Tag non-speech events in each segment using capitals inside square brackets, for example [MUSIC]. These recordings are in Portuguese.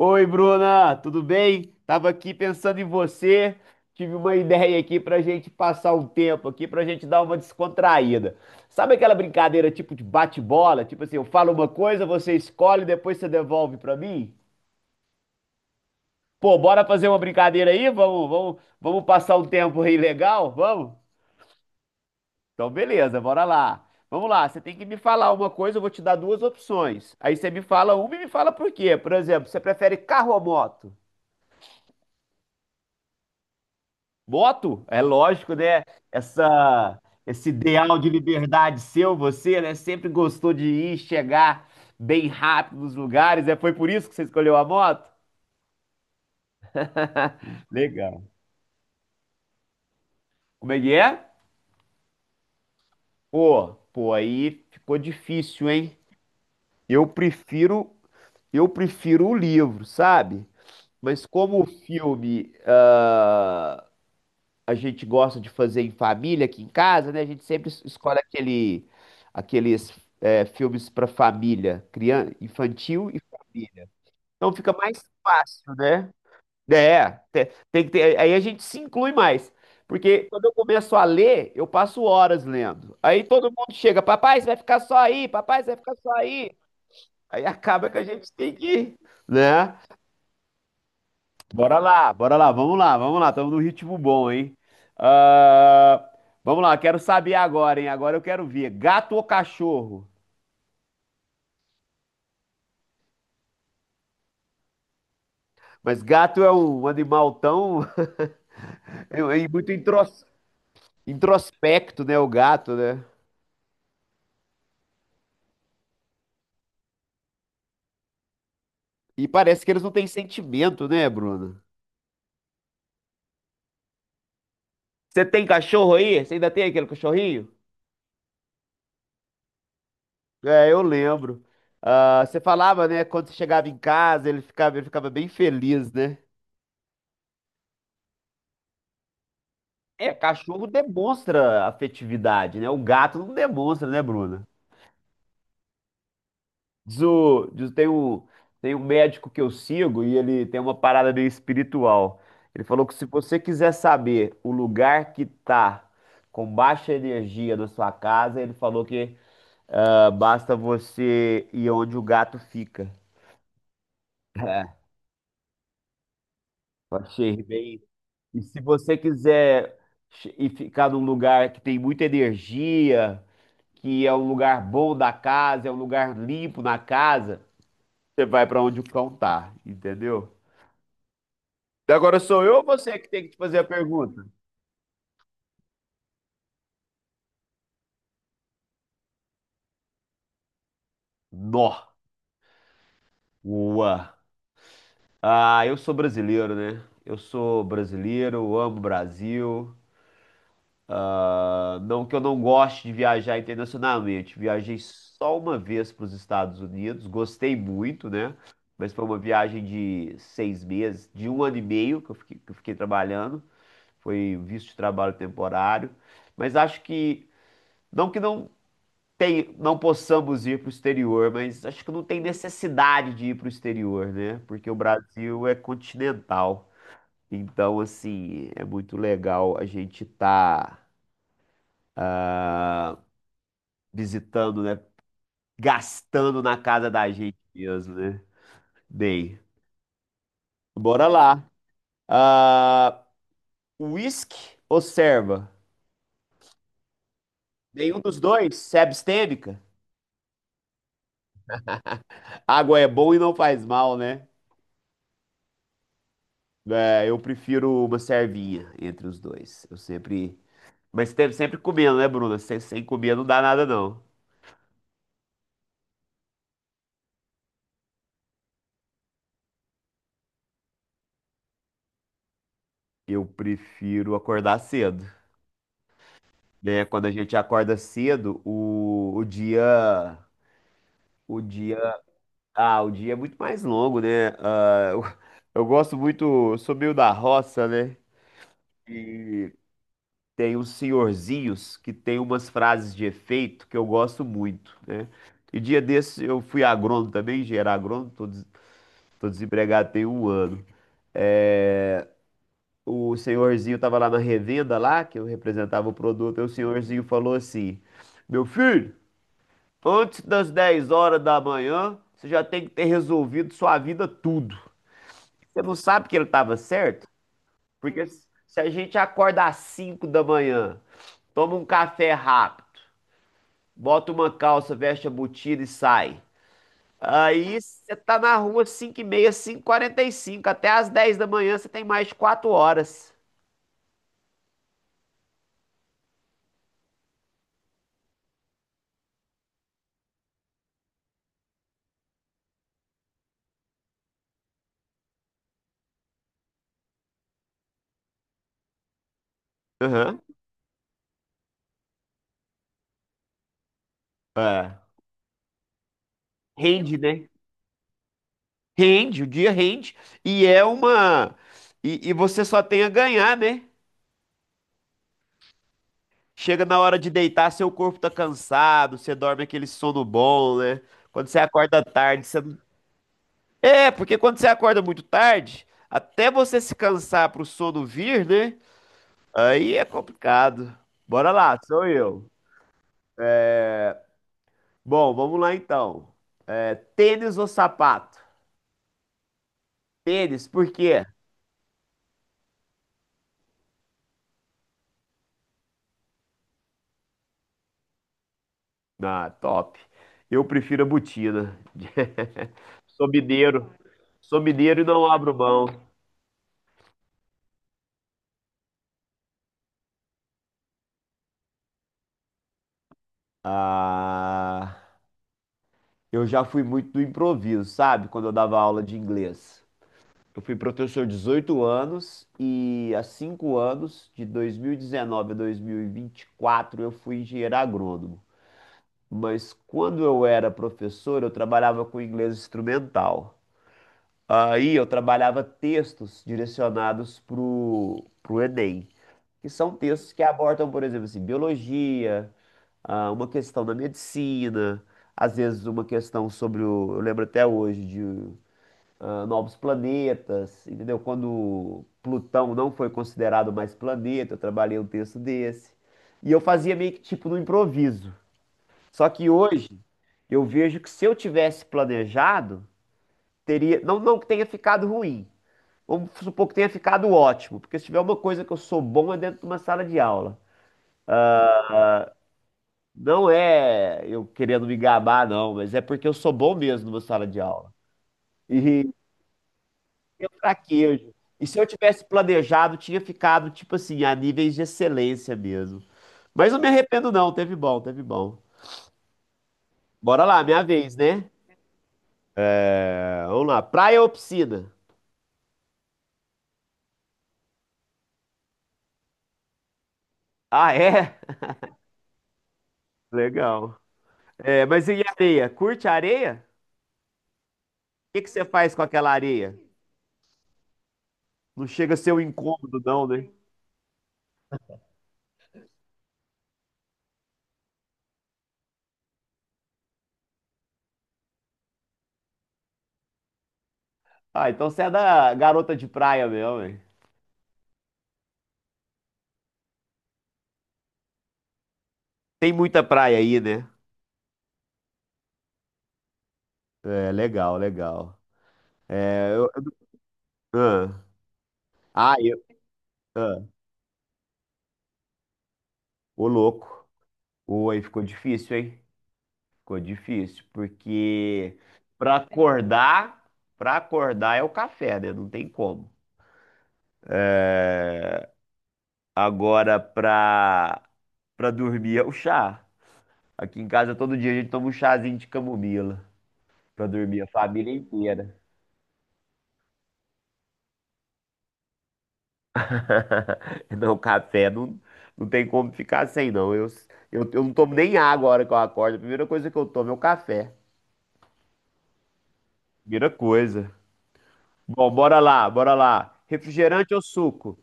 Oi, Bruna, tudo bem? Tava aqui pensando em você. Tive uma ideia aqui pra gente passar um tempo aqui, pra gente dar uma descontraída. Sabe aquela brincadeira tipo de bate-bola? Tipo assim, eu falo uma coisa, você escolhe, depois você devolve pra mim? Pô, bora fazer uma brincadeira aí? Vamos, vamos, vamos passar um tempo aí legal? Vamos? Então, beleza, bora lá. Vamos lá, você tem que me falar uma coisa, eu vou te dar duas opções. Aí você me fala uma e me fala por quê. Por exemplo, você prefere carro ou moto? Voto? É lógico, né? Essa, esse ideal de liberdade seu, você, né? Sempre gostou de ir, chegar bem rápido nos lugares, né? Foi por isso que você escolheu a moto? Legal. Como é que é? Pô, aí ficou difícil, hein? Eu prefiro, eu prefiro o livro, sabe? Mas como o filme, ah. a gente gosta de fazer em família aqui em casa, né? A gente sempre escolhe aquele, aqueles é, filmes para família, criança, infantil e família. Então fica mais fácil, né? É, tem que ter, aí a gente se inclui mais. Porque quando eu começo a ler, eu passo horas lendo. Aí todo mundo chega, papai, você vai ficar só aí, papai, você vai ficar só aí. Aí acaba que a gente tem que, né? Bora lá, vamos lá, vamos lá, estamos num ritmo bom, hein? Ah, vamos lá, quero saber agora, hein? Agora eu quero ver, gato ou cachorro? Mas gato é um animal tão. [LAUGHS] É muito introspecto, né? O gato, né? E parece que eles não têm sentimento, né, Bruno? Você tem cachorro aí? Você ainda tem aquele cachorrinho? É, eu lembro. Ah, você falava, né? Quando você chegava em casa, ele ficava bem feliz, né? É, cachorro demonstra afetividade, né? O gato não demonstra, né, Bruna? Diz o, diz- tem um médico que eu sigo e ele tem uma parada meio espiritual. Ele falou que se você quiser saber o lugar que tá com baixa energia na sua casa, ele falou que ah, basta você ir onde o gato fica. [LAUGHS] É, eu achei bem. E se você quiser ir ficar num lugar que tem muita energia. Que é um lugar bom da casa, é um lugar limpo na casa, você vai para onde o cão tá, entendeu? E agora sou eu ou você que tem que te fazer a pergunta? Nó. Ua. Ah, eu sou brasileiro, né? Eu sou brasileiro, eu amo o Brasil. Ah, não que eu não goste de viajar internacionalmente. Viajei só uma vez para os Estados Unidos, gostei muito, né? Mas foi uma viagem de 6 meses, de um ano e meio que eu fiquei, trabalhando. Foi visto de trabalho temporário, mas acho que não tem, não possamos ir para o exterior, mas acho que não tem necessidade de ir para o exterior, né? Porque o Brasil é continental. Então, assim, é muito legal a gente estar visitando, né? Gastando na casa da gente mesmo, né? Bem, bora lá. Ah, whisky ou serva? Nenhum dos dois? Se é abstêmica? Água é bom e não faz mal, né? É, eu prefiro uma servinha entre os dois. Eu sempre. Mas teve sempre comendo, né, Bruna? Sem comer não dá nada, não. Eu prefiro acordar cedo. Né? Quando a gente acorda cedo, o dia. O dia. Ah, o dia é muito mais longo, né? Eu gosto muito. Eu sou meio da roça, né? E tem uns senhorzinhos que tem umas frases de efeito que eu gosto muito, né? E dia desse eu fui agrônomo também, engenheiro agrônomo, tô desempregado tem um ano. É, o senhorzinho tava lá na revenda lá, que eu representava o produto, e o senhorzinho falou assim: meu filho, antes das 10 horas da manhã, você já tem que ter resolvido sua vida tudo. Você não sabe que ele tava certo? Porque se a gente acorda às 5 da manhã, toma um café rápido, bota uma calça, veste a botina e sai. Aí você tá na rua 5h30, quarenta e cinco, até às 10 da manhã você tem mais de 4 horas. Aham. É. Rende, né? Rende, o dia rende. E é uma. E você só tem a ganhar, né? Chega na hora de deitar, seu corpo tá cansado, você dorme aquele sono bom, né? Quando você acorda tarde, você. Não- É, porque quando você acorda muito tarde, até você se cansar pro sono vir, né? Aí é complicado. Bora lá, sou eu. Bom, vamos lá então. É, tênis ou sapato? Tênis, por quê? Ah, top. Eu prefiro a botina. [LAUGHS] Sou mineiro. Sou mineiro e não abro mão. Ah, eu já fui muito do improviso, sabe? Quando eu dava aula de inglês. Eu fui professor 18 anos e há 5 anos, de 2019 a 2024, eu fui engenheiro agrônomo. Mas quando eu era professor, eu trabalhava com inglês instrumental. Aí eu trabalhava textos direcionados pro Enem, que são textos que abordam, por exemplo, assim, biologia, ah, uma questão da medicina, às vezes uma questão sobre o, eu lembro até hoje de ah, novos planetas, entendeu? Quando Plutão não foi considerado mais planeta, eu trabalhei um texto desse. E eu fazia meio que tipo no improviso. Só que hoje eu vejo que se eu tivesse planejado, teria, não que tenha ficado ruim. Vamos supor que tenha ficado ótimo, porque se tiver uma coisa que eu sou bom é dentro de uma sala de aula. Não é eu querendo me gabar, não, mas é porque eu sou bom mesmo numa sala de aula. E eu fraquejo. E se eu tivesse planejado, tinha ficado, tipo assim, a níveis de excelência mesmo. Mas não me arrependo, não. Teve bom, teve bom. Bora lá, minha vez, né? É, vamos lá. Praia ou piscina? Ah, é? [LAUGHS] Legal. É, mas e areia? Curte areia? O que que você faz com aquela areia? Não chega a ser um incômodo, não, né? Ah, então você é da garota de praia mesmo, hein? Tem muita praia aí, né? É, legal, legal. É, eu, ah, ah, eu, ah, ô louco. Pô, aí ficou difícil, hein? Ficou difícil, porque pra acordar, pra acordar é o café, né? Não tem como. Agora pra dormir é o chá. Aqui em casa todo dia a gente toma um chazinho de camomila pra dormir a família inteira. [LAUGHS] Não, café não, não tem como ficar sem, não. Eu não tomo nem água a hora que eu acordo. A primeira coisa que eu tomo é o café. Primeira coisa. Bom, bora lá, bora lá. Refrigerante ou suco?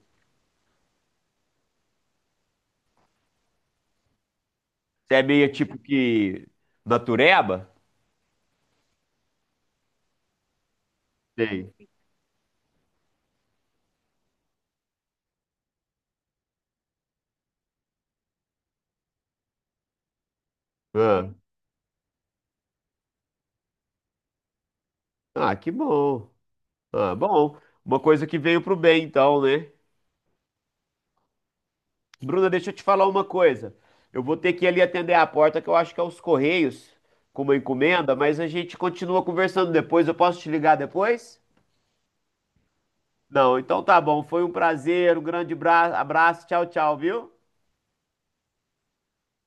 Você é meio tipo que natureba? Sei. Ah, ah, que bom. Ah, bom. Uma coisa que veio pro bem, então, né? Bruna, deixa eu te falar uma coisa. Eu vou ter que ir ali atender a porta, que eu acho que é os Correios, com uma encomenda, mas a gente continua conversando depois. Eu posso te ligar depois? Não, então tá bom. Foi um prazer, um grande abraço. Tchau, tchau, viu?